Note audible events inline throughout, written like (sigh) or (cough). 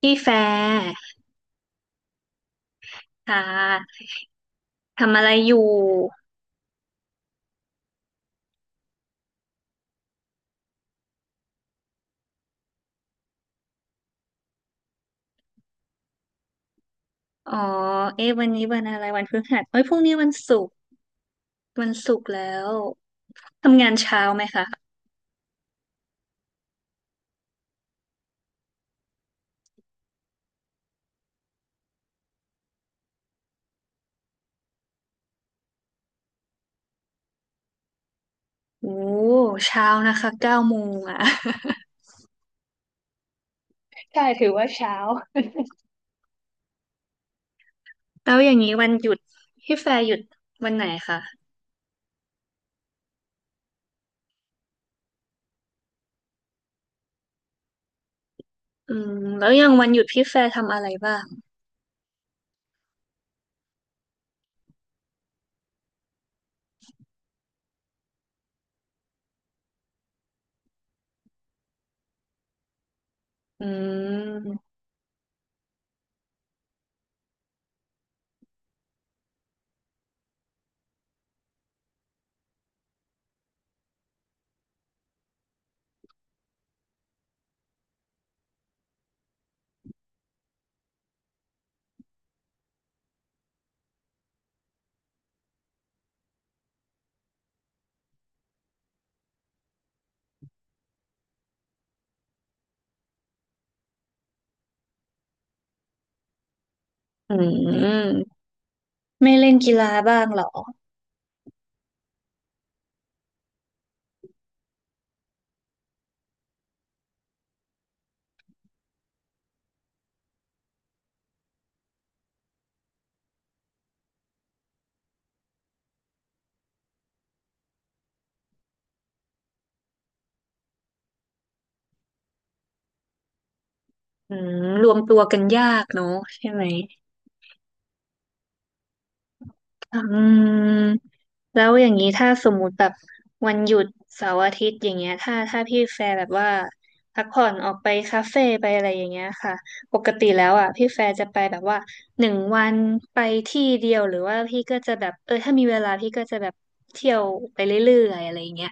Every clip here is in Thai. พี่แฟร์ค่ะทำอะไรอยู่อ๋อเอ๊ะวันนี้วันอะไรวันพฤหัสเอ้ยพรุ่งนี้วันศุกร์วันศุกร์แล้วทำงานเช้าไหมคะโอ้เช้านะคะเก้าโมงอ่ะ (laughs) ใช่ถือว่าเช้าแล้วอย่างนี้วันหยุดพี่แฟร์หยุดวันไหนคะอืมแล้วอย่างวันหยุดพี่แฟร์ทำอะไรบ้างอืมอืมไม่เล่นกีฬาบ้างเหรออืมรวมตัวกันยากเนอะใช่ไหม อืมแล้วอย่างนี้ถ้าสมมุติแบบวันหยุดเสาร์อาทิตย์อย่างเงี้ยถ้าพี่แฟร์แบบว่าพักผ่อนออกไปคาเฟ่ไปอะไรอย่างเงี้ยค่ะปกติแล้วอ่ะพี่แฟร์จะไปแบบว่าหนึ่งวันไปที่เดียวหรือว่าพี่ก็จะแบบเออถ้ามีเวลาพี่ก็จะแบบเที่ยวไปเรื่อยๆอะไรอย่างเงี้ย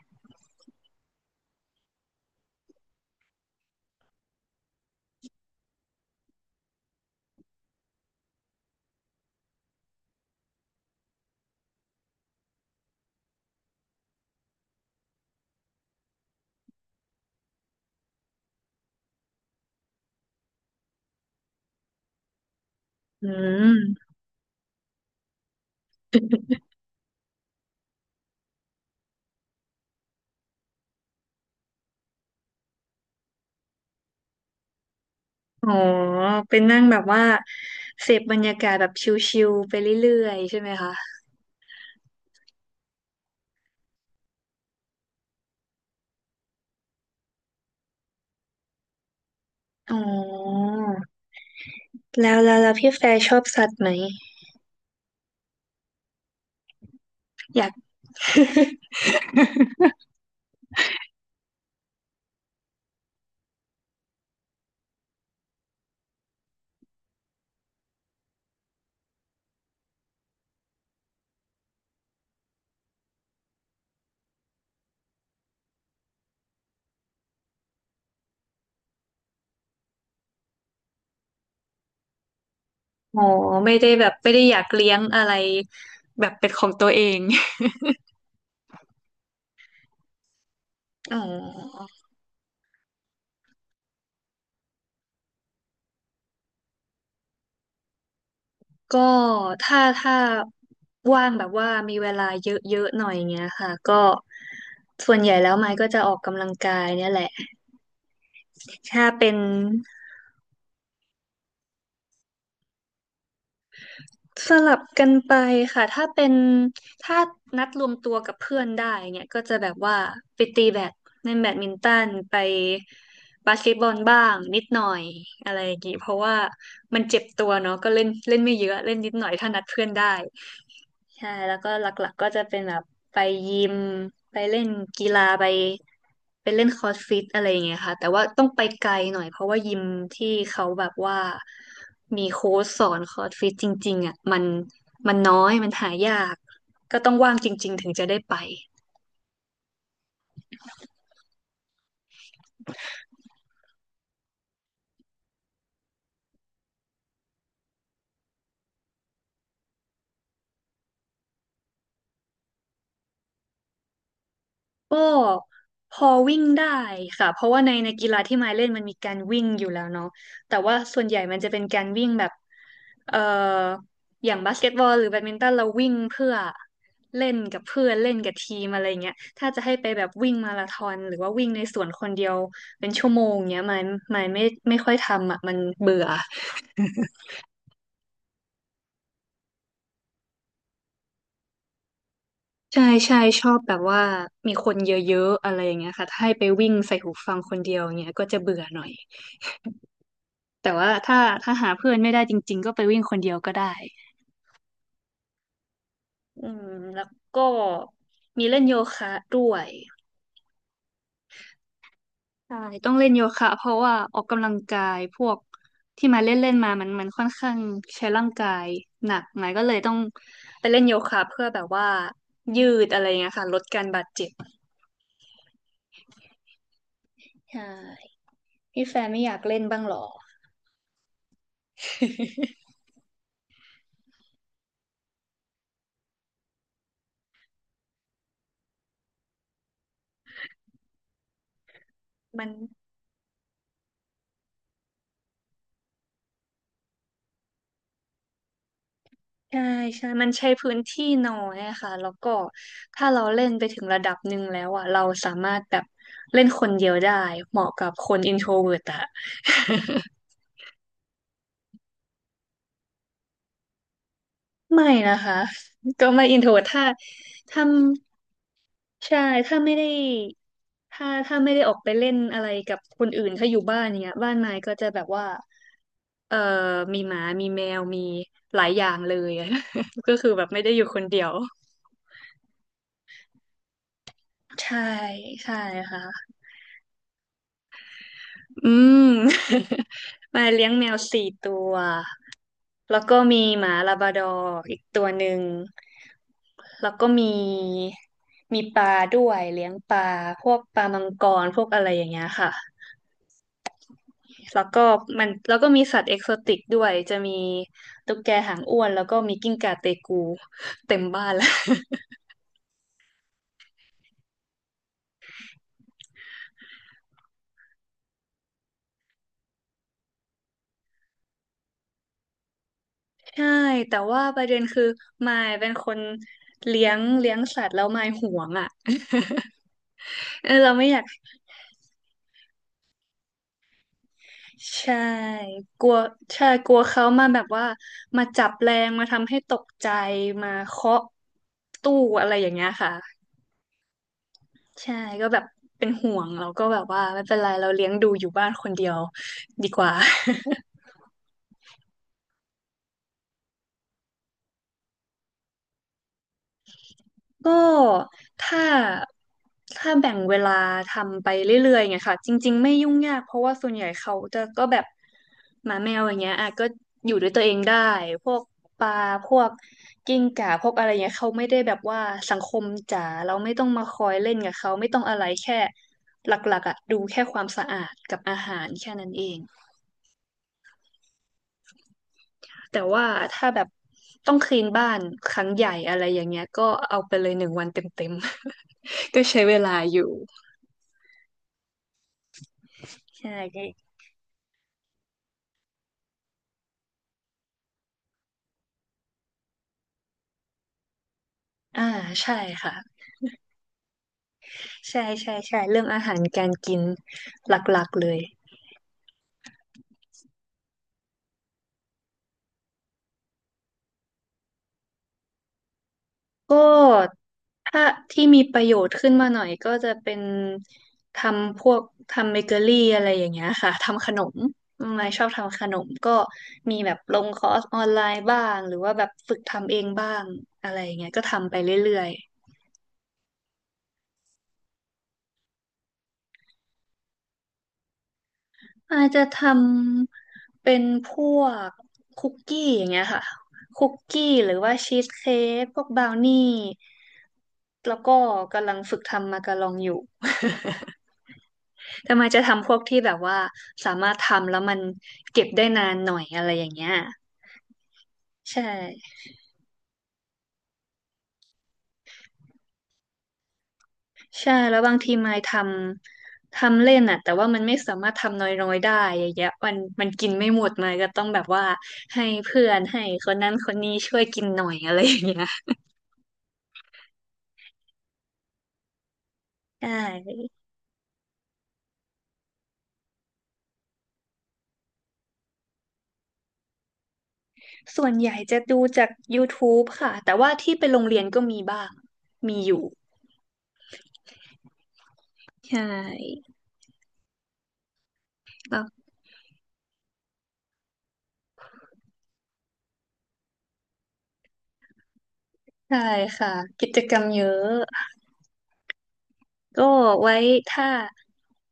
อืมอ๋อเป็นนั่งแบบว่าเสพบรรยากาศแบบชิลๆไปเรื่อยๆใช่ไหมคะอ๋อแล้วแล้วแล้วพี่แฟร์ชอบสัตว์ไหมอยาก อ๋อไม่ได้แบบไม่ได้อยากเลี้ยงอะไรแบบเป็นของตัวเอง (laughs) อ๋อก็ถ้าถ้าว่างแบบว่ามีเวลาเยอะๆหน่อยเงี้ยค่ะก็ส่วนใหญ่แล้วไม้ก็จะออกกำลังกายเนี่ยแหละถ้าเป็น สลับกันไปค่ะถ้าเป็นถ้านัดรวมตัวกับเพื่อนได้เนี่ยก็จะแบบว่าไปตีแบดเล่นแบดมินตันไปบาสเกตบอลบ้างนิดหน่อยอะไรอย่างงี้เพราะว่ามันเจ็บตัวเนาะก็เล่นเล่นไม่เยอะเล่นนิดหน่อยถ้านัดเพื่อนได้ ใช่แล้วก็หลักๆก็จะเป็นแบบไปยิมไปเล่นกีฬาไปไปเล่นคอร์สฟิตอะไรอย่างเงี้ยค่ะแต่ว่าต้องไปไกลหน่อยเพราะว่ายิมที่เขาแบบว่ามีโค้ชสอนคอร์สฟิตจริงๆอ่ะมันน้อยมันหายากก็ต้องว่างจริงๆถึงจะได้ไป ก็พอวิ่งได้ค่ะเพราะว่าในในกีฬาที่มายเล่นมันมีการวิ่งอยู่แล้วเนาะแต่ว่าส่วนใหญ่มันจะเป็นการวิ่งแบบเอ่ออย่างบาสเกตบอลหรือแบดมินตันเราวิ่งเพื่อเล่นกับเพื่อนเล่นกับทีมอะไรเงี้ยถ้าจะให้ไปแบบวิ่งมาราธอนหรือว่าวิ่งในสวนคนเดียวเป็นชั่วโมงเงี้ยมายไม่ค่อยทำอ่ะมันเบื่อใช่ใช่ชอบแบบว่ามีคนเยอะๆอะไรอย่างเงี้ยค่ะถ้าให้ไปวิ่งใส่หูฟังคนเดียวเงี้ยก็จะเบื่อหน่อย แต่ว่าถ้าหาเพื่อนไม่ได้จริงๆก็ไปวิ่งคนเดียวก็ได้อืมแล้วก็มีเล่นโยคะด้วยใช่ต้องเล่นโยคะเพราะว่าออกกำลังกายพวกที่มาเล่นเล่นมามันค่อนข้างใช้ร่างกายหนักหน่อยก็เลยต้องไปเล่นโยคะเพื่อแบบว่ายืดอะไรเงี้ยค่ะลดการบาดเจ็บใช่พี่แฟนไม่อยากเล่นบ้างเหรอ (laughs) มัน ใช่ใช่มันใช้พื้นที่น้อยอะค่ะแล้วก็ถ้าเราเล่นไปถึงระดับหนึ่งแล้วอ่ะเราสามารถแบบเล่นคนเดียวได้เหมาะกับคนอินโทรเวิร์ตอะ (laughs) ไม่นะคะก็ไม่อินโทรเวิร์ตถ้าถ้าใช่ถ้าไม่ได้ถ้าไม่ได้ออกไปเล่นอะไรกับคนอื่นถ้าอยู่บ้านเนี้ยบ้านไม้ก็จะแบบว่าเอ่อมีหมามีแมวมีหลายอย่างเลย (laughs) ก็คือแบบไม่ได้อยู่คนเดียวใช่ใช่ค่ะ อืม (laughs) มาเลี้ยงแมวสี่ตัว แล้วก็มีหมาลาบราดอร์อีกตัวหนึ่งแล้วก็มีมีปลาด้วยเลี้ยงปลาพวกปลามังกรพวกอะไรอย่างเงี้ยค่ะแล้วก็มันแล้วก็มีสัตว์เอกโซติกด้วยจะมีตุ๊กแกหางอ้วนแล้วก็มีกิ้งก่าเตกูเต็มบ้านแล้ว (laughs) ใช่แต่ว่าประเด็นคือมายเป็นคนเลี้ยงสัตว์แล้วมายห่วงอ่ะ (laughs) เออเราไม่อยาก ใช่กลัวใช่กลัวเขามาแบบว่ามาจับแรงมาทำให้ตกใจมาเคาะตู้อะไรอย่างเงี้ยค่ะใช่ก็แบบเป็นห่วงเราก็แบบว่าไม่เป็นไรเราเลี้ยงดูอยู่บ้านคนเดียวดีกว่า ก็ถ้าถ้าแบ่งเวลาทำไปเรื่อยๆไงค่ะจริงๆไม่ยุ่งยากเพราะว่าส่วนใหญ่เขาจะก็แบบหมาแมวอย่างเงี้ยอ่ะก็อยู่ด้วยตัวเองได้พวกปลาพวกกิ้งก่าพวกอะไรเงี้ยเขาไม่ได้แบบว่าสังคมจ๋าเราไม่ต้องมาคอยเล่นกับเขาไม่ต้องอะไรแค่หลักๆอ่ะดูแค่ความสะอาดกับอาหารแค่นั้นเองแต่ว่าถ้าแบบต้องคลีนบ้านครั้งใหญ่อะไรอย่างเงี้ยก็เอาไปเลยหนึ่งวันเต็มๆ (laughs) ก็ใช้เวลาอยู่ ใช่อ่าใช่ค่ะใช่ใช่ใช่ เรื่องอาหารการกินหลักๆเลยก็ถ้าที่มีประโยชน์ขึ้นมาหน่อยก็จะเป็นทำพวกทำเบเกอรี่อะไรอย่างเงี้ยค่ะ ทำขนม ไม่ชอบทำขนมก็มีแบบลงคอร์สออนไลน์บ้าง หรือว่าแบบฝึกทำเองบ้างอะไรอย่างเงี้ยก็ทำไปเรื่อยๆ อาจจะทำเป็นพวกคุกกี้อย่างเงี้ยค่ะคุกกี้หรือว่าชีสเค้กพวกบราวนี่แล้วก็กำลังฝึกทำมาการองอยู่ (laughs) แต่มาจะทำพวกที่แบบว่าสามารถทำแล้วมันเก็บได้นานหน่อยอะไรอย่างเงี้ยใช่ใช่แล้วบางทีมายทำเล่นอ่ะแต่ว่ามันไม่สามารถทำน้อยๆได้อย่างเงี้ยมันกินไม่หมดมายก็ต้องแบบว่าให้เพื่อนให้คนนั้นคนนี้ช่วยกินหน่อยอะไรอย่างเงี้ย ใช่ส่วนใหญ่จะดูจาก YouTube ค่ะ แต่ว่าที่ไปโรงเรียนก็มีบ้าง มีอยู่ใช่แล้วใช่ค่ะ กิจกรรมเยอะ ก็ไว้ถ้า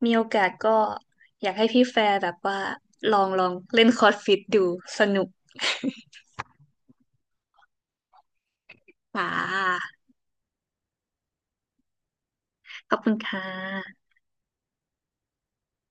มีโอกาสก็อยากให้พี่แฟร์แบบว่าลองลองเล่นคอร์สฟิตดูสนุกค่ะขอบคุณค่ะ